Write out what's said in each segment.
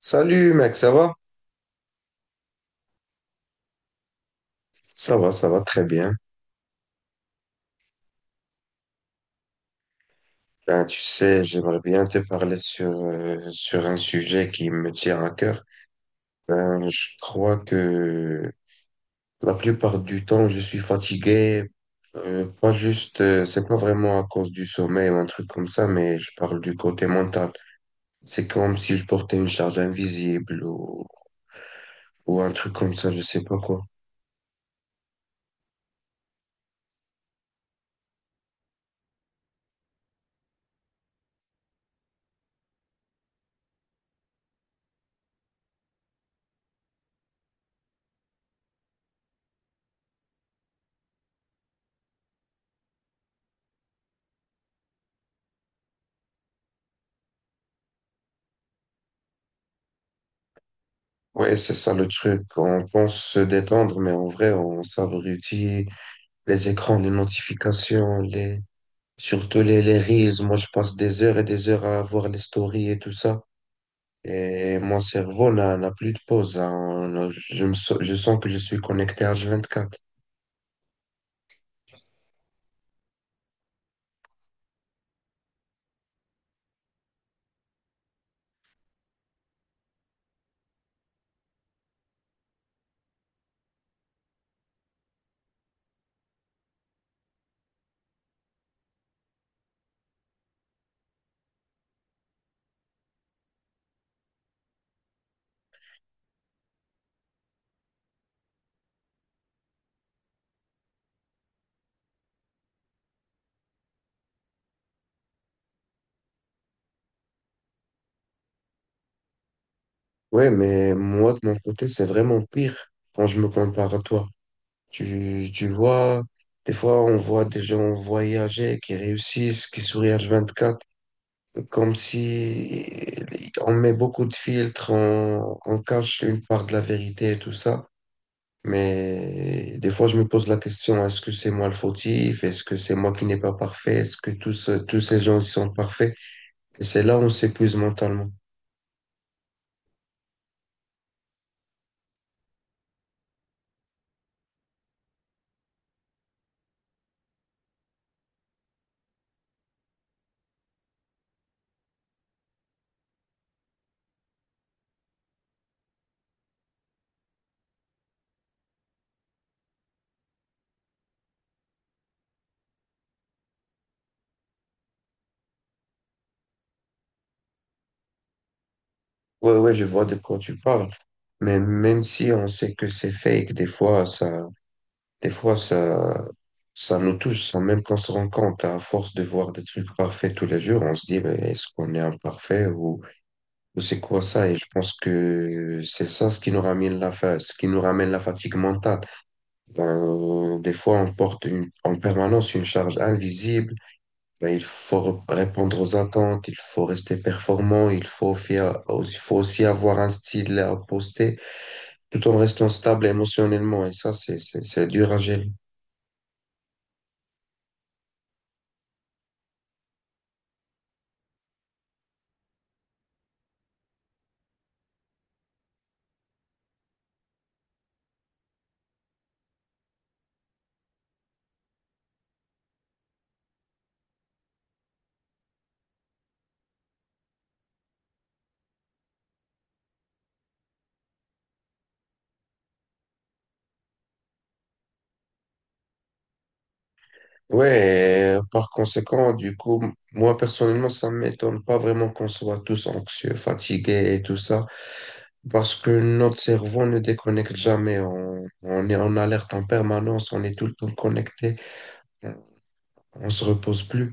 Salut mec, ça va? Ça va, ça va très bien. Ben, tu sais, j'aimerais bien te parler sur, sur un sujet qui me tient à cœur. Ben, je crois que la plupart du temps, je suis fatigué. Pas juste, c'est pas vraiment à cause du sommeil ou un truc comme ça, mais je parle du côté mental. C'est comme si je portais une charge invisible ou un truc comme ça, je sais pas quoi. Ouais, c'est ça le truc. On pense se détendre, mais en vrai, on s'abrutit. Les écrans, les notifications, les surtout les reels. Moi, je passe des heures et des heures à voir les stories et tout ça. Et mon cerveau n'a plus de pause, hein. Je sens que je suis connecté H24. Ouais, mais moi, de mon côté, c'est vraiment pire quand je me compare à toi. Tu vois, des fois, on voit des gens voyager, qui réussissent, qui sourient H24, comme si on met beaucoup de filtres, on cache une part de la vérité et tout ça. Mais des fois, je me pose la question, est-ce que c'est moi le fautif? Est-ce que c'est moi qui n'ai pas parfait? Est-ce que tous, tous ces gens ils sont parfaits? Et c'est là où on s'épuise mentalement. Ouais, ouais, je vois de quoi tu parles. Mais même si on sait que c'est fake, des fois, ça nous touche sans même qu'on se rende compte. À force de voir des trucs parfaits tous les jours, on se dit, mais est-ce qu'on est imparfait ou c'est quoi ça? Et je pense que c'est ça ce qui nous ramène la fatigue mentale. Ben, des fois, en permanence une charge invisible. Ben, il faut répondre aux attentes, il faut rester performant, il faut, faire, il faut aussi avoir un style à poster tout en restant stable émotionnellement. Et ça, c'est dur à gérer. Ouais, et par conséquent, du coup, moi personnellement, ça ne m'étonne pas vraiment qu'on soit tous anxieux, fatigués et tout ça, parce que notre cerveau ne déconnecte jamais. On est en alerte en permanence, on est tout le temps connecté. On se repose plus.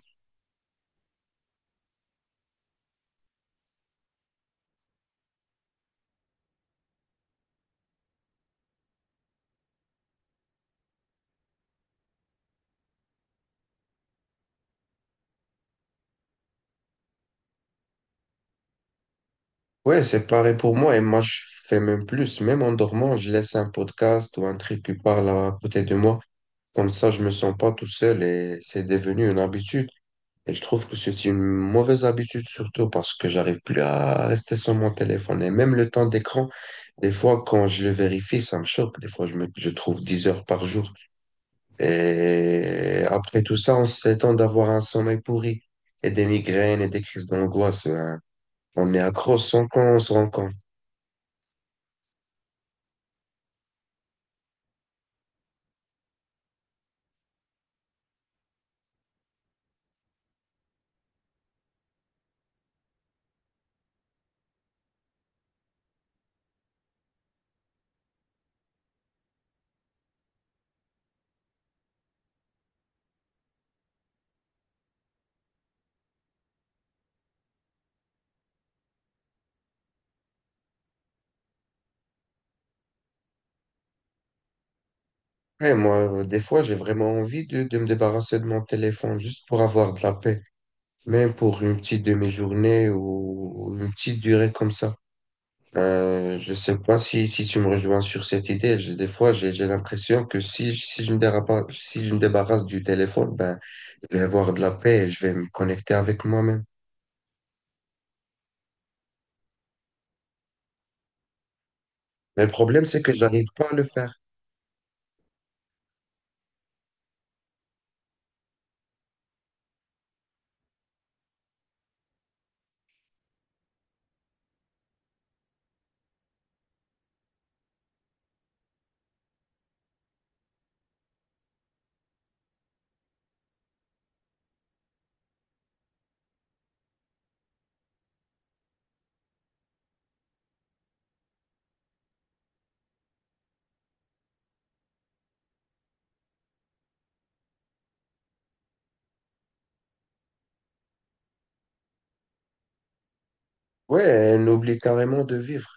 Ouais, c'est pareil pour moi. Et moi, je fais même plus. Même en dormant, je laisse un podcast ou un truc qui parle à côté de moi. Comme ça, je me sens pas tout seul et c'est devenu une habitude. Et je trouve que c'est une mauvaise habitude, surtout parce que j'arrive plus à rester sur mon téléphone. Et même le temps d'écran, des fois, quand je le vérifie, ça me choque. Des fois, je trouve 10 heures par jour. Et après tout ça, on s'étend d'avoir un sommeil pourri et des migraines et des crises d'angoisse. Ben, on est accro sans qu'on se rend compte. Et moi, des fois, j'ai vraiment envie de me débarrasser de mon téléphone juste pour avoir de la paix, même pour une petite demi-journée ou une petite durée comme ça. Je sais pas si, si tu me rejoins sur cette idée. Des fois, j'ai l'impression que si, si je me débarrasse du téléphone, ben, je vais avoir de la paix et je vais me connecter avec moi-même. Mais le problème, c'est que j'arrive pas à le faire. Ouais, elle oublie carrément de vivre.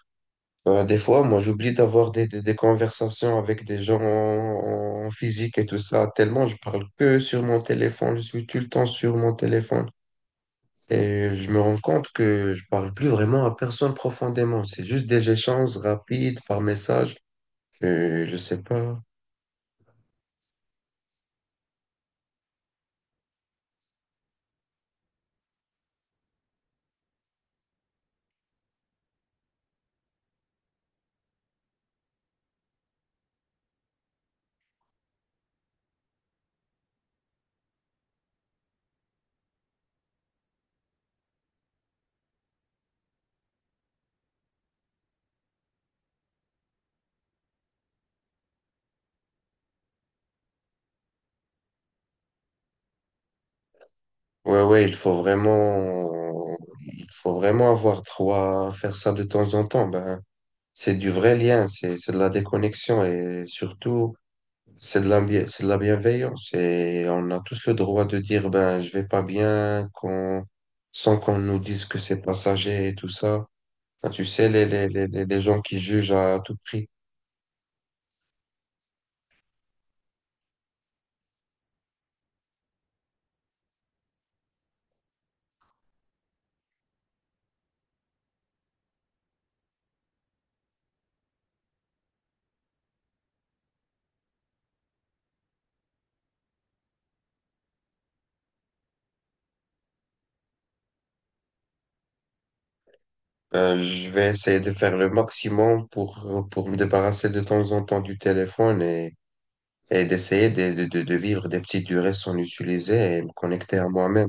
Ben, des fois, moi, j'oublie d'avoir des conversations avec des gens en, en physique et tout ça, tellement je parle que sur mon téléphone, je suis tout le temps sur mon téléphone. Et je me rends compte que je parle plus vraiment à personne profondément. C'est juste des échanges rapides par message. Je sais pas. Ouais, ouais, il faut vraiment avoir trois, faire ça de temps en temps. Ben, c'est du vrai lien, c'est de la déconnexion et surtout, c'est de la bienveillance. Et on a tous le droit de dire, ben, je vais pas bien qu'on, sans qu'on nous dise que c'est passager et tout ça. Ben, tu sais, les gens qui jugent à tout prix. Ben, je vais essayer de faire le maximum pour me débarrasser de temps en temps du téléphone et d'essayer de vivre des petites durées sans l'utiliser et me connecter à moi-même.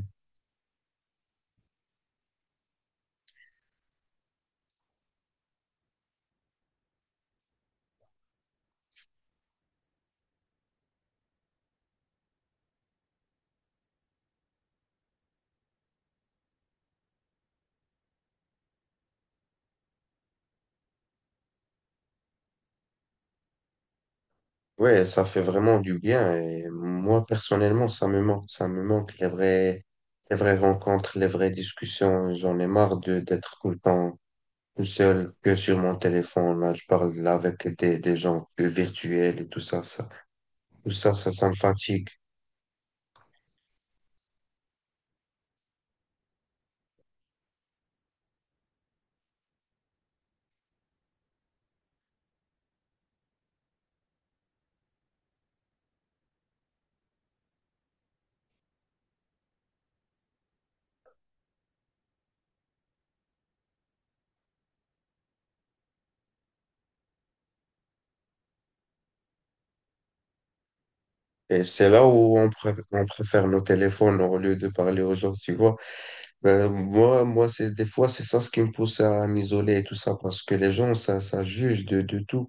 Ouais, ça fait vraiment du bien et moi personnellement, ça me manque les vraies rencontres, les vraies discussions. J'en ai marre de d'être tout le temps tout seul que sur mon téléphone. Là, je parle là avec des gens que virtuels et tout ça, ça, ça me fatigue. Et c'est là où on préfère nos téléphones au lieu de parler aux gens, tu vois. Ben, moi c'est des fois, c'est ça ce qui me pousse à m'isoler et tout ça, parce que les gens, ça juge de tout.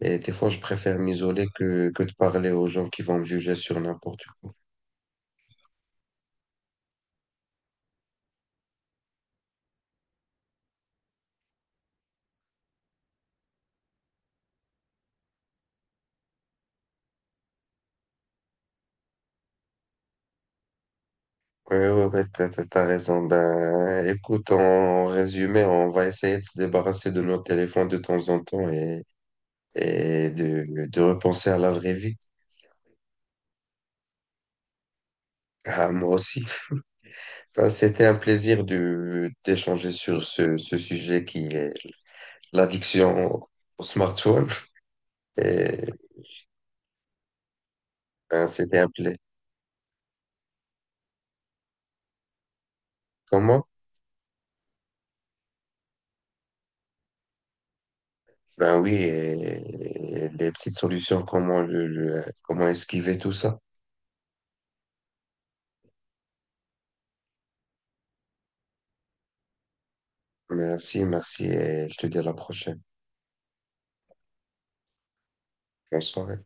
Et des fois, je préfère m'isoler que de parler aux gens qui vont me juger sur n'importe quoi. Ouais, ouais, ouais, t'as raison. Ben, écoute, en résumé, on va essayer de se débarrasser de nos téléphones de temps en temps et de repenser à la vraie vie. Ah, moi aussi. Ben, c'était un plaisir de, d'échanger sur ce, ce sujet qui est l'addiction au au smartphone. Et ben, c'était appelé. Comment? Ben oui, les petites solutions, comment, comment esquiver tout ça. Merci, merci, et je te dis à la prochaine. Bonne soirée.